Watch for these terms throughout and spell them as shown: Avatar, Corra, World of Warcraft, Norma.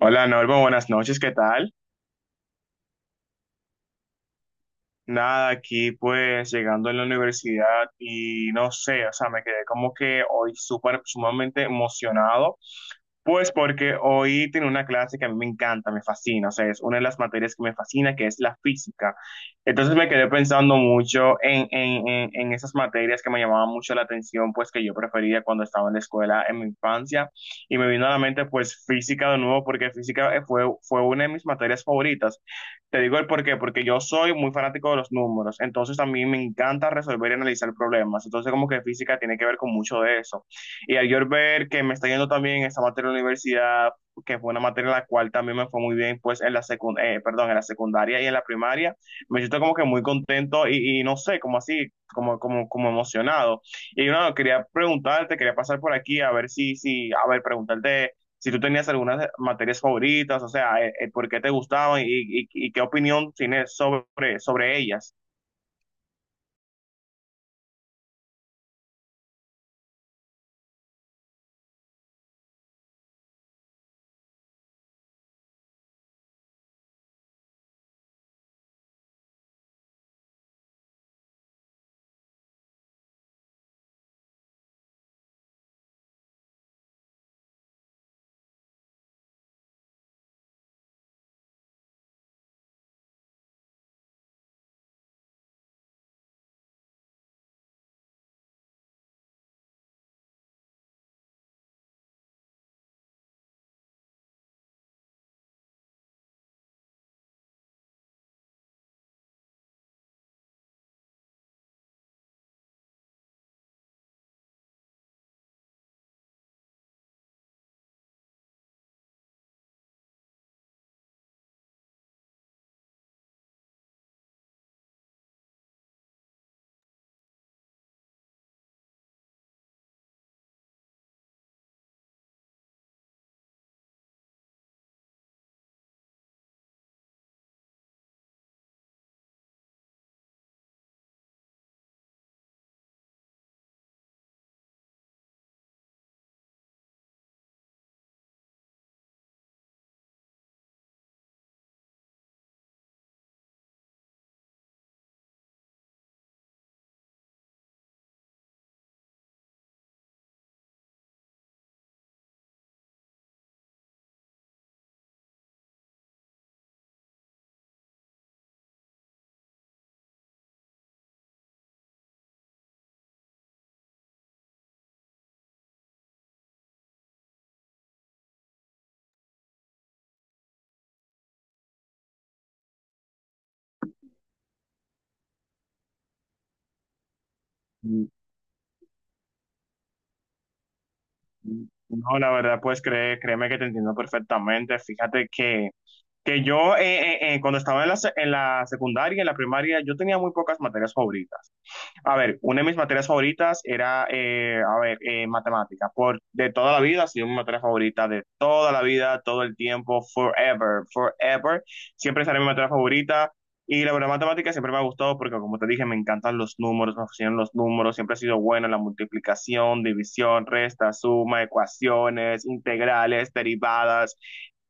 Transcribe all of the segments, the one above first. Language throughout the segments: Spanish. Hola Norma, buenas noches, ¿qué tal? Nada, aquí pues llegando en la universidad y no sé, o sea, me quedé como que hoy súper sumamente emocionado, pues porque hoy tengo una clase que a mí me encanta, me fascina, o sea, es una de las materias que me fascina, que es la física. Entonces me quedé pensando mucho en esas materias que me llamaban mucho la atención, pues que yo prefería cuando estaba en la escuela en mi infancia, y me vino a la mente pues física de nuevo, porque física fue una de mis materias favoritas. Te digo el por qué, porque yo soy muy fanático de los números, entonces a mí me encanta resolver y analizar problemas, entonces como que física tiene que ver con mucho de eso. Y al yo ver que me está yendo también esa materia de la universidad, que fue una materia en la cual también me fue muy bien, pues en la perdón, en la secundaria y en la primaria, me siento como que muy contento y no sé, como así, como emocionado. Y no, quería preguntarte, quería pasar por aquí a ver a ver, preguntarte si tú tenías algunas materias favoritas, o sea, por qué te gustaban y qué opinión tienes sobre ellas. Mm, mm, no, la verdad, pues créeme que te entiendo perfectamente. Fíjate que yo cuando estaba en la, en la secundaria, en la primaria, yo tenía muy pocas materias favoritas. A ver, una de mis materias favoritas era, a ver, matemática. Por, de toda la vida, ha sido mi materia favorita de toda la vida, todo el tiempo, forever, forever. Siempre será mi materia favorita. Y la verdad, matemática siempre me ha gustado porque, como te dije, me encantan los números, me fascinan los números. Siempre ha sido buena la multiplicación, división, resta, suma, ecuaciones, integrales, derivadas.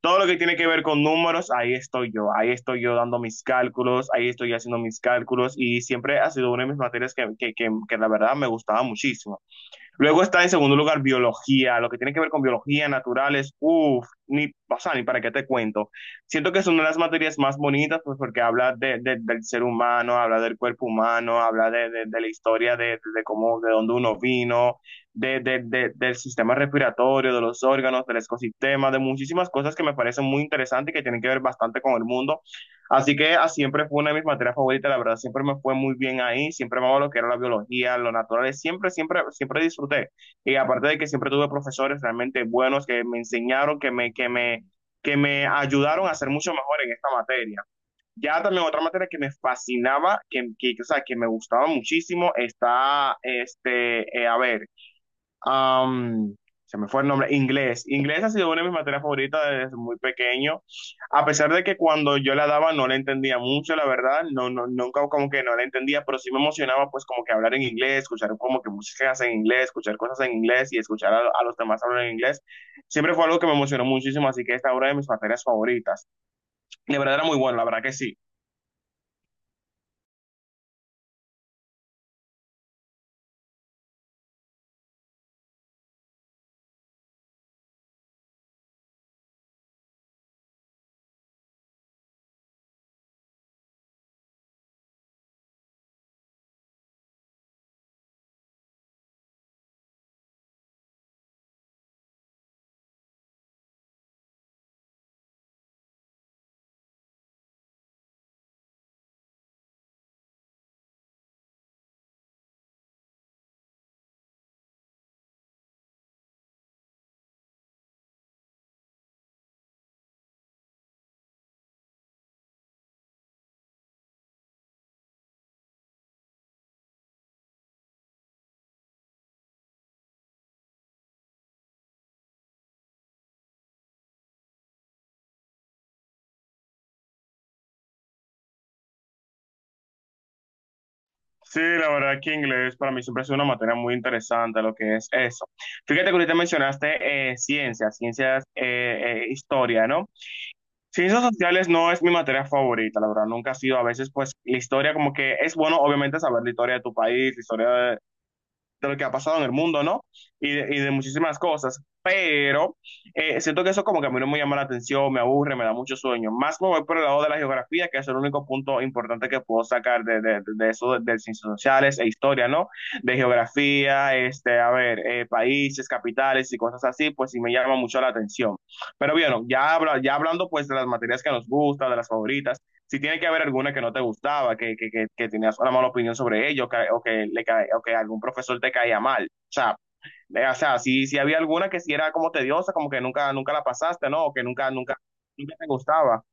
Todo lo que tiene que ver con números, ahí estoy yo dando mis cálculos, ahí estoy haciendo mis cálculos y siempre ha sido una de mis materias que la verdad me gustaba muchísimo. Luego está en segundo lugar biología, lo que tiene que ver con biología, naturales, uff, ni, o sea, ni para qué te cuento. Siento que es una de las materias más bonitas, pues porque habla del ser humano, habla del cuerpo humano, habla de la historia de cómo, de dónde uno vino, del sistema respiratorio, de los órganos, del ecosistema, de muchísimas cosas que me parecen muy interesantes y que tienen que ver bastante con el mundo. Así que ah, siempre fue una de mis materias favoritas, la verdad, siempre me fue muy bien ahí, siempre me lo que era la biología, lo natural, siempre, siempre, siempre disfruté. Y aparte de que siempre tuve profesores realmente buenos que me enseñaron, que me ayudaron a ser mucho mejor en esta materia. Ya también otra materia que me fascinaba, o sea, que me gustaba muchísimo, está, este, a ver am, se me fue el nombre, inglés. Inglés ha sido una de mis materias favoritas desde muy pequeño, a pesar de que cuando yo la daba no la entendía mucho, la verdad, nunca como que no la entendía, pero sí me emocionaba pues como que hablar en inglés, escuchar como que músicas en inglés, escuchar cosas en inglés y escuchar a los demás hablar en inglés. Siempre fue algo que me emocionó muchísimo, así que esta es una de mis materias favoritas. La verdad era muy bueno, la verdad que sí. Sí, la verdad que inglés para mí siempre ha sido una materia muy interesante, lo que es eso. Fíjate que ahorita mencionaste ciencias, historia, ¿no? Ciencias sociales no es mi materia favorita, la verdad, nunca ha sido. A veces, pues, la historia como que es bueno, obviamente, saber la historia de tu país, la historia de lo que ha pasado en el mundo, ¿no? Y de muchísimas cosas. Pero siento que eso como que a mí no me llama la atención, me aburre, me da mucho sueño. Más me voy por el lado de la geografía, que es el único punto importante que puedo sacar de eso, de ciencias sociales e historia, ¿no? De geografía, este, a ver, países, capitales y cosas así, pues sí me llama mucho la atención. Pero bueno, ya, ya hablando pues de las materias que nos gustan, de las favoritas si tiene que haber alguna que no te gustaba, que tenías una mala opinión sobre ellos, o, que, le cae o que algún profesor te caía mal. O sea, si había alguna que sí era como tediosa, como que nunca la pasaste, ¿no? O que nunca te gustaba.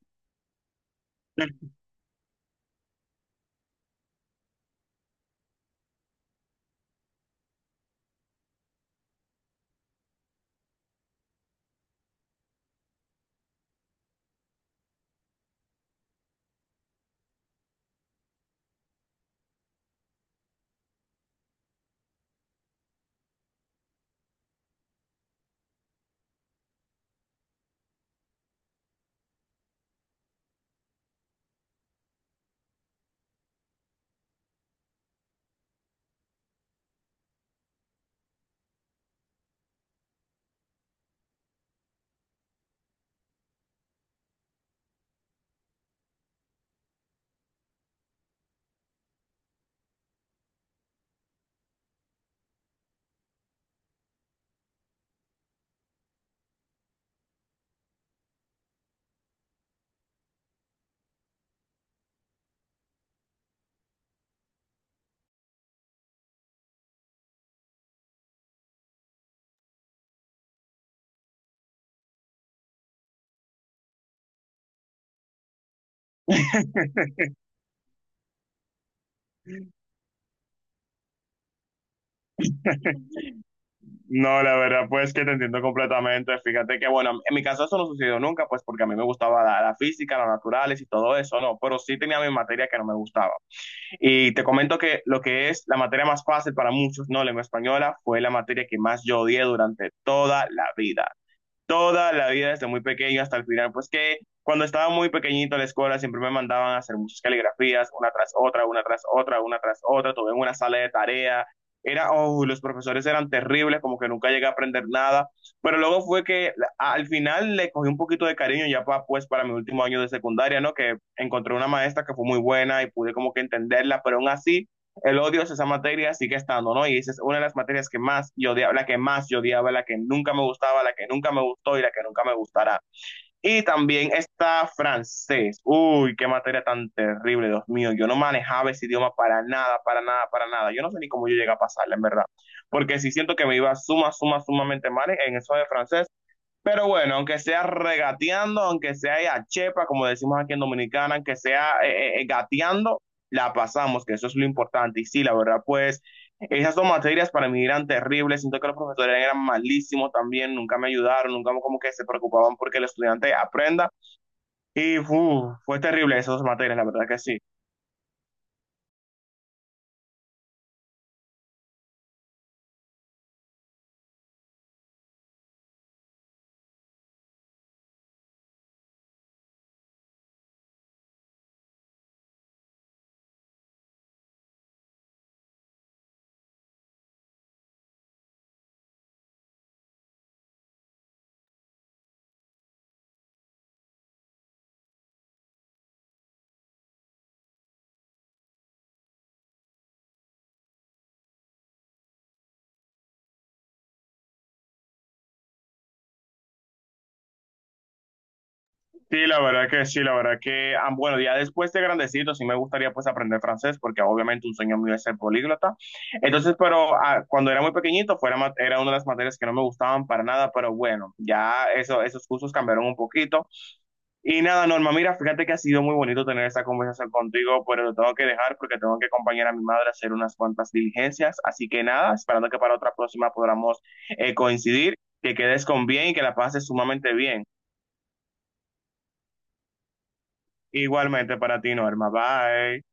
No, la verdad, pues que te entiendo completamente. Fíjate que, bueno, en mi caso eso no sucedió nunca, pues porque a mí me gustaba la física, las naturales y todo eso, ¿no? Pero sí tenía mis materias que no me gustaba. Y te comento que lo que es la materia más fácil para muchos, no lengua española, fue la materia que más yo odié durante toda la vida desde muy pequeño hasta el final, pues que cuando estaba muy pequeñito en la escuela siempre me mandaban a hacer muchas caligrafías, una tras otra, una tras otra, una tras otra, todo en una sala de tarea. Era, oh, los profesores eran terribles, como que nunca llegué a aprender nada, pero luego fue que al final le cogí un poquito de cariño ya pues para mi último año de secundaria, ¿no? Que encontré una maestra que fue muy buena y pude como que entenderla, pero aún así el odio es esa materia sigue estando, ¿no? Y esa es una de las materias que más yo odiaba, la que más yo odiaba, la que nunca me gustaba, la que nunca me gustó y la que nunca me gustará. Y también está francés. Uy, qué materia tan terrible, Dios mío. Yo no manejaba ese idioma para nada, para nada, para nada. Yo no sé ni cómo yo llegué a pasarla, en verdad. Porque sí siento que me iba sumamente mal en eso de francés. Pero bueno, aunque sea regateando, aunque sea a chepa, como decimos aquí en Dominicana, aunque sea gateando, la pasamos, que eso es lo importante. Y sí, la verdad, pues esas dos materias para mí eran terribles. Siento que los profesores eran malísimos también, nunca me ayudaron, nunca como que se preocupaban porque el estudiante aprenda. Y uf, fue terrible esas dos materias, la verdad que sí. Sí, la verdad que sí, la verdad que, ah, bueno, ya después de grandecito sí me gustaría pues aprender francés porque obviamente un sueño mío es ser políglota. Entonces, pero ah, cuando era muy pequeñito fuera, era una de las materias que no me gustaban para nada, pero bueno, ya eso, esos cursos cambiaron un poquito. Y nada, Norma, mira, fíjate que ha sido muy bonito tener esta conversación contigo, pero lo tengo que dejar porque tengo que acompañar a mi madre a hacer unas cuantas diligencias. Así que nada, esperando que para otra próxima podamos coincidir, que quedes con bien y que la pases sumamente bien. Igualmente para ti, Norma. Bye.